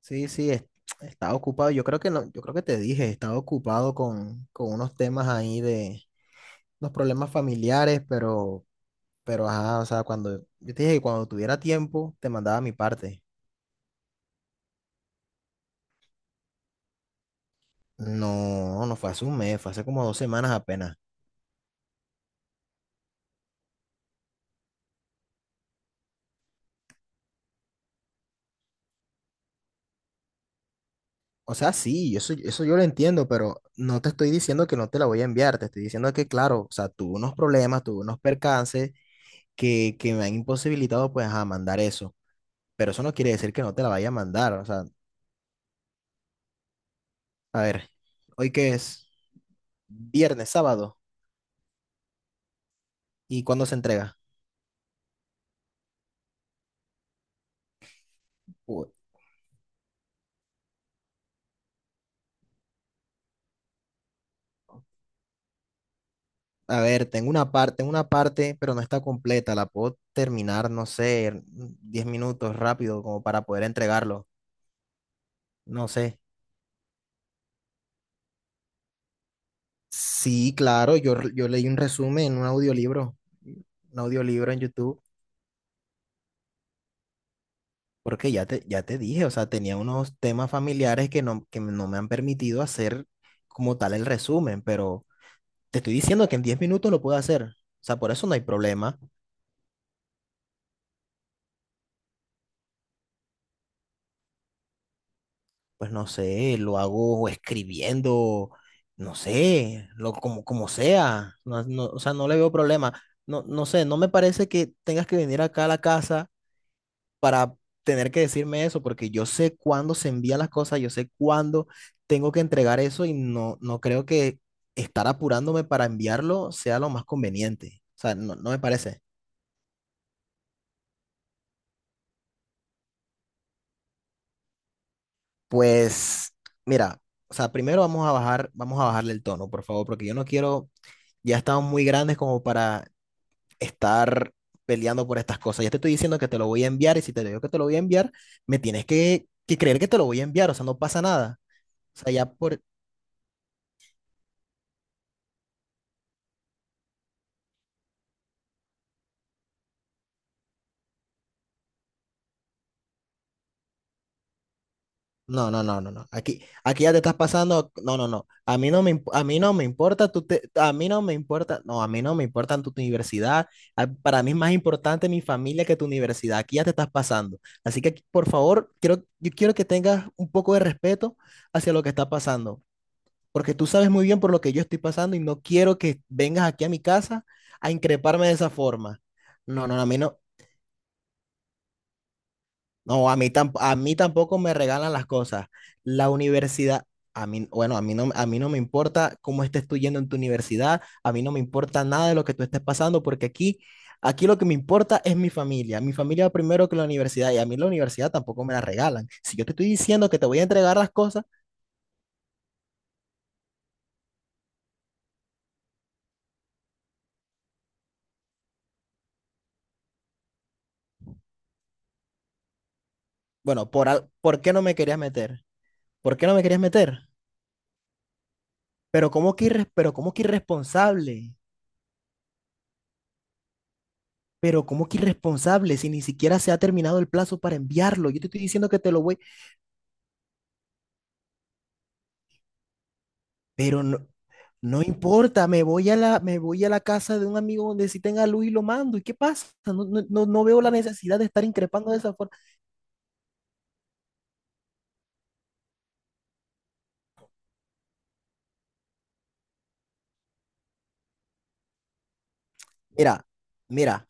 Sí, sí, estaba ocupado. Yo creo que no, yo creo que te dije, estaba ocupado con unos temas ahí de unos problemas familiares, pero ajá, o sea, cuando yo te dije que cuando tuviera tiempo te mandaba mi parte. No, no fue hace un mes, fue hace como 2 semanas apenas. O sea, sí, eso yo lo entiendo, pero no te estoy diciendo que no te la voy a enviar, te estoy diciendo que, claro, o sea, tuve unos problemas, tuve unos percances que me han imposibilitado, pues, a mandar eso. Pero eso no quiere decir que no te la vaya a mandar, o sea. A ver, hoy que es viernes, sábado, ¿y cuándo se entrega? Uy, a ver, tengo una parte, pero no está completa. La puedo terminar, no sé, en 10 minutos rápido, como para poder entregarlo. No sé. Sí, claro, yo leí un resumen en un audiolibro en YouTube, porque ya te dije, o sea, tenía unos temas familiares que no me han permitido hacer como tal el resumen, pero te estoy diciendo que en 10 minutos lo puedo hacer. O sea, por eso no hay problema. Pues no sé, lo hago escribiendo, no sé, lo, como, como sea, no, no, o sea, no le veo problema. No, no sé, no me parece que tengas que venir acá a la casa para tener que decirme eso, porque yo sé cuándo se envían las cosas, yo sé cuándo tengo que entregar eso y no, no creo que estar apurándome para enviarlo sea lo más conveniente. O sea, no, no me parece. Pues, mira, o sea, primero vamos a bajarle el tono, por favor, porque yo no quiero. Ya estamos muy grandes como para estar peleando por estas cosas. Ya te estoy diciendo que te lo voy a enviar y si te digo que te lo voy a enviar, me tienes que creer que te lo voy a enviar, o sea, no pasa nada. O sea, ya por... No, no, no, no, no. Aquí ya te estás pasando. No, no, no. A mí no me importa tu te- a mí no me importa, no, a mí no me importa tu universidad. Para mí es más importante mi familia que tu universidad. Aquí ya te estás pasando. Así que, aquí, por favor, quiero, yo quiero que tengas un poco de respeto hacia lo que está pasando. Porque tú sabes muy bien por lo que yo estoy pasando y no quiero que vengas aquí a mi casa a increparme de esa forma. No, no, a mí no, no, a mí tampoco me regalan las cosas. La universidad, a mí, bueno, a mí no me importa cómo estés tú yendo en tu universidad, a mí no me importa nada de lo que tú estés pasando, porque aquí lo que me importa es mi familia. Mi familia va primero que la universidad y a mí la universidad tampoco me la regalan. Si yo te estoy diciendo que te voy a entregar las cosas, bueno, ¿por qué no me querías meter? ¿Por qué no me querías meter? Pero ¿cómo que irresponsable? Pero ¿cómo que irresponsable si ni siquiera se ha terminado el plazo para enviarlo? Yo te estoy diciendo que te lo voy, pero no, no importa, me voy a la casa de un amigo donde sí tenga luz y lo mando. ¿Y qué pasa? No, no, no, no veo la necesidad de estar increpando de esa forma. Mira, mira,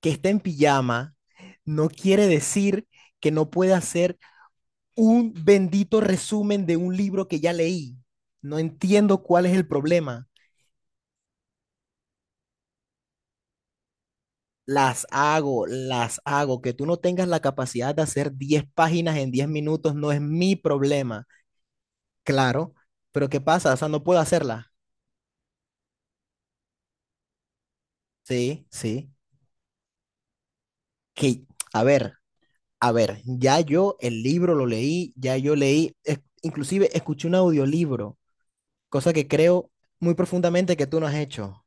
que esté en pijama no quiere decir que no pueda hacer un bendito resumen de un libro que ya leí. No entiendo cuál es el problema. Las hago, las hago. Que tú no tengas la capacidad de hacer 10 páginas en 10 minutos no es mi problema, claro. Pero ¿qué pasa? O sea, no puedo hacerla. Sí, sí. Que, a ver, a ver, ya yo el libro lo leí, ya yo leí, inclusive escuché un audiolibro, cosa que creo muy profundamente que tú no has hecho.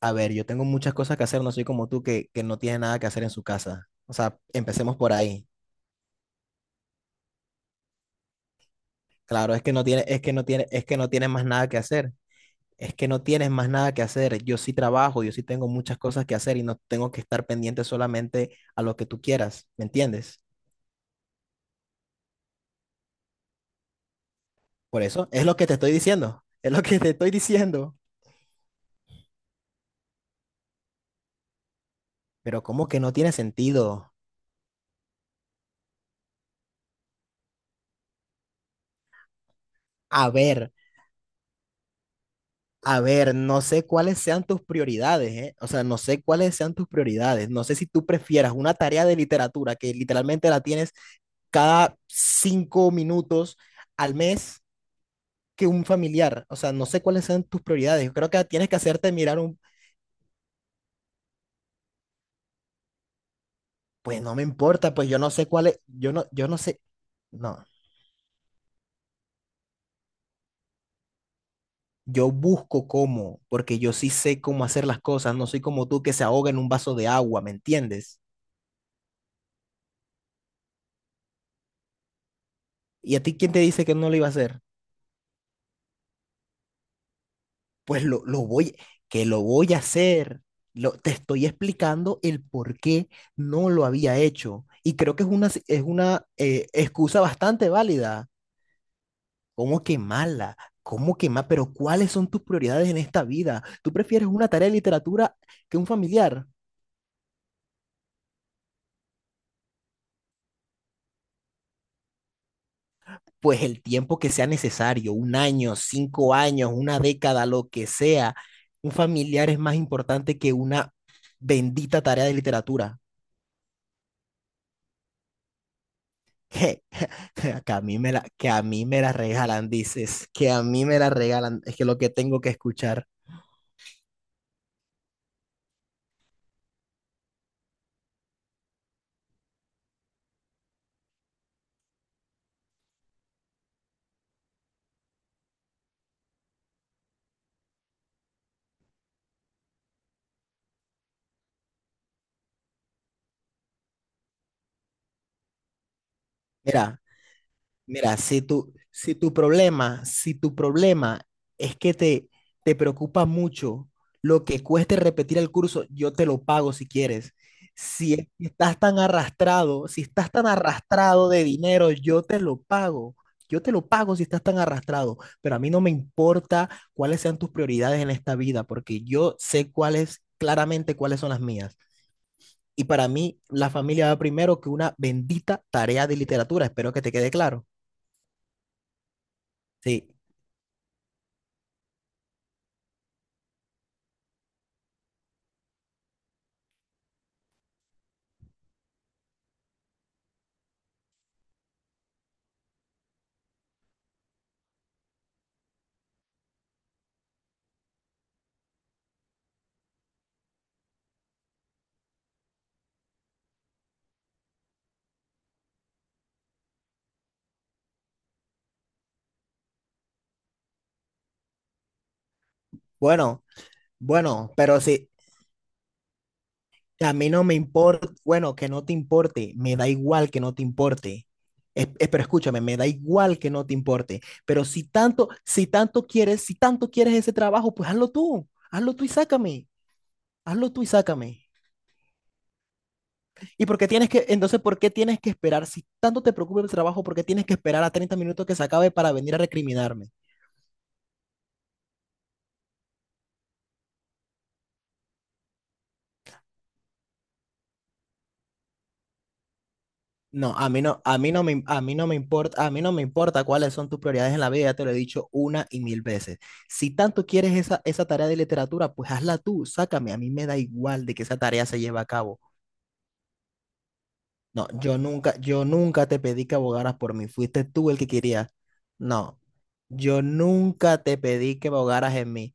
A ver, yo tengo muchas cosas que hacer, no soy como tú que no tiene nada que hacer en su casa. O sea, empecemos por ahí. Claro, es que no tiene, es que no tiene, es que no tiene más nada que hacer. Es que no tienes más nada que hacer. Yo sí trabajo, yo sí tengo muchas cosas que hacer y no tengo que estar pendiente solamente a lo que tú quieras, ¿me entiendes? Por eso es lo que te estoy diciendo, es lo que te estoy diciendo. Pero ¿cómo que no tiene sentido? A ver, a ver, no sé cuáles sean tus prioridades, ¿eh? O sea, no sé cuáles sean tus prioridades. No sé si tú prefieras una tarea de literatura que literalmente la tienes cada 5 minutos al mes que un familiar. O sea, no sé cuáles sean tus prioridades. Yo creo que tienes que hacerte mirar un. Pues no me importa, pues yo no sé cuál es, yo no, yo no sé, no, yo busco cómo, porque yo sí sé cómo hacer las cosas, no soy como tú que se ahoga en un vaso de agua, ¿me entiendes? ¿Y a ti quién te dice que no lo iba a hacer? Pues que lo voy a hacer. Lo, te estoy explicando el por qué no lo había hecho. Y creo que es una excusa bastante válida. ¿Cómo que mala? Pero ¿cuáles son tus prioridades en esta vida? ¿Tú prefieres una tarea de literatura que un familiar? Pues el tiempo que sea necesario, un año, 5 años, una década, lo que sea, un familiar es más importante que una bendita tarea de literatura. Que, que a mí me la regalan, dices, que a mí me la regalan, es que lo que tengo que escuchar. Mira, si tu problema es que te preocupa mucho lo que cueste repetir el curso, yo te lo pago si quieres. Si es que estás tan arrastrado, si estás tan arrastrado de dinero, yo te lo pago. Yo te lo pago si estás tan arrastrado, pero a mí no me importa cuáles sean tus prioridades en esta vida, porque yo sé cuáles, claramente cuáles son las mías. Y para mí, la familia va primero que una bendita tarea de literatura. Espero que te quede claro. Sí. Bueno, bueno, pero si a mí no me importa, bueno, que no te importe, me da igual que no te importe. Pero escúchame, me da igual que no te importe. Pero si tanto quieres ese trabajo, pues hazlo tú y sácame, hazlo tú y sácame. ¿Y por qué por qué tienes que esperar? Si tanto te preocupa el trabajo, ¿por qué tienes que esperar a 30 minutos que se acabe para venir a recriminarme? No, a mí no, a mí no me, a mí no me importa, a mí no me importa cuáles son tus prioridades en la vida, ya te lo he dicho una y mil veces. Si tanto quieres esa tarea de literatura, pues hazla tú, sácame, a mí me da igual de que esa tarea se lleve a cabo. No, yo nunca te pedí que abogaras por mí, fuiste tú el que querías. No, yo nunca te pedí que abogaras en mí.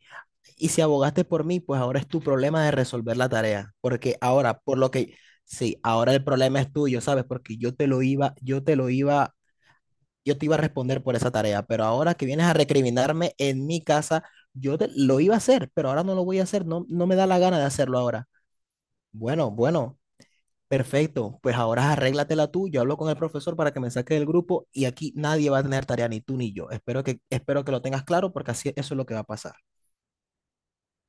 Y si abogaste por mí, pues ahora es tu problema de resolver la tarea, porque ahora, por lo que, sí, ahora el problema es tuyo, ¿sabes? Porque yo te iba a responder por esa tarea, pero ahora que vienes a recriminarme en mi casa, lo iba a hacer, pero ahora no lo voy a hacer, no, no me da la gana de hacerlo ahora. Bueno, bueno, perfecto, pues ahora arréglatela tú, yo hablo con el profesor para que me saque del grupo y aquí nadie va a tener tarea, ni tú ni yo. Espero que lo tengas claro porque así eso es lo que va a pasar.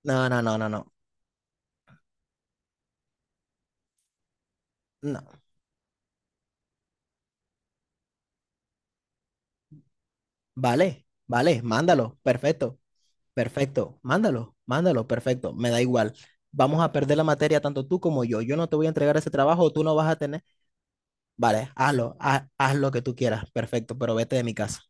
No, no, no, no, no, no. Vale, vale, mándalo, perfecto, perfecto, mándalo, mándalo, perfecto, me da igual. Vamos a perder la materia tanto tú como yo. Yo no te voy a entregar ese trabajo, tú no vas a tener. Vale, hazlo, haz lo que tú quieras, perfecto, pero vete de mi casa.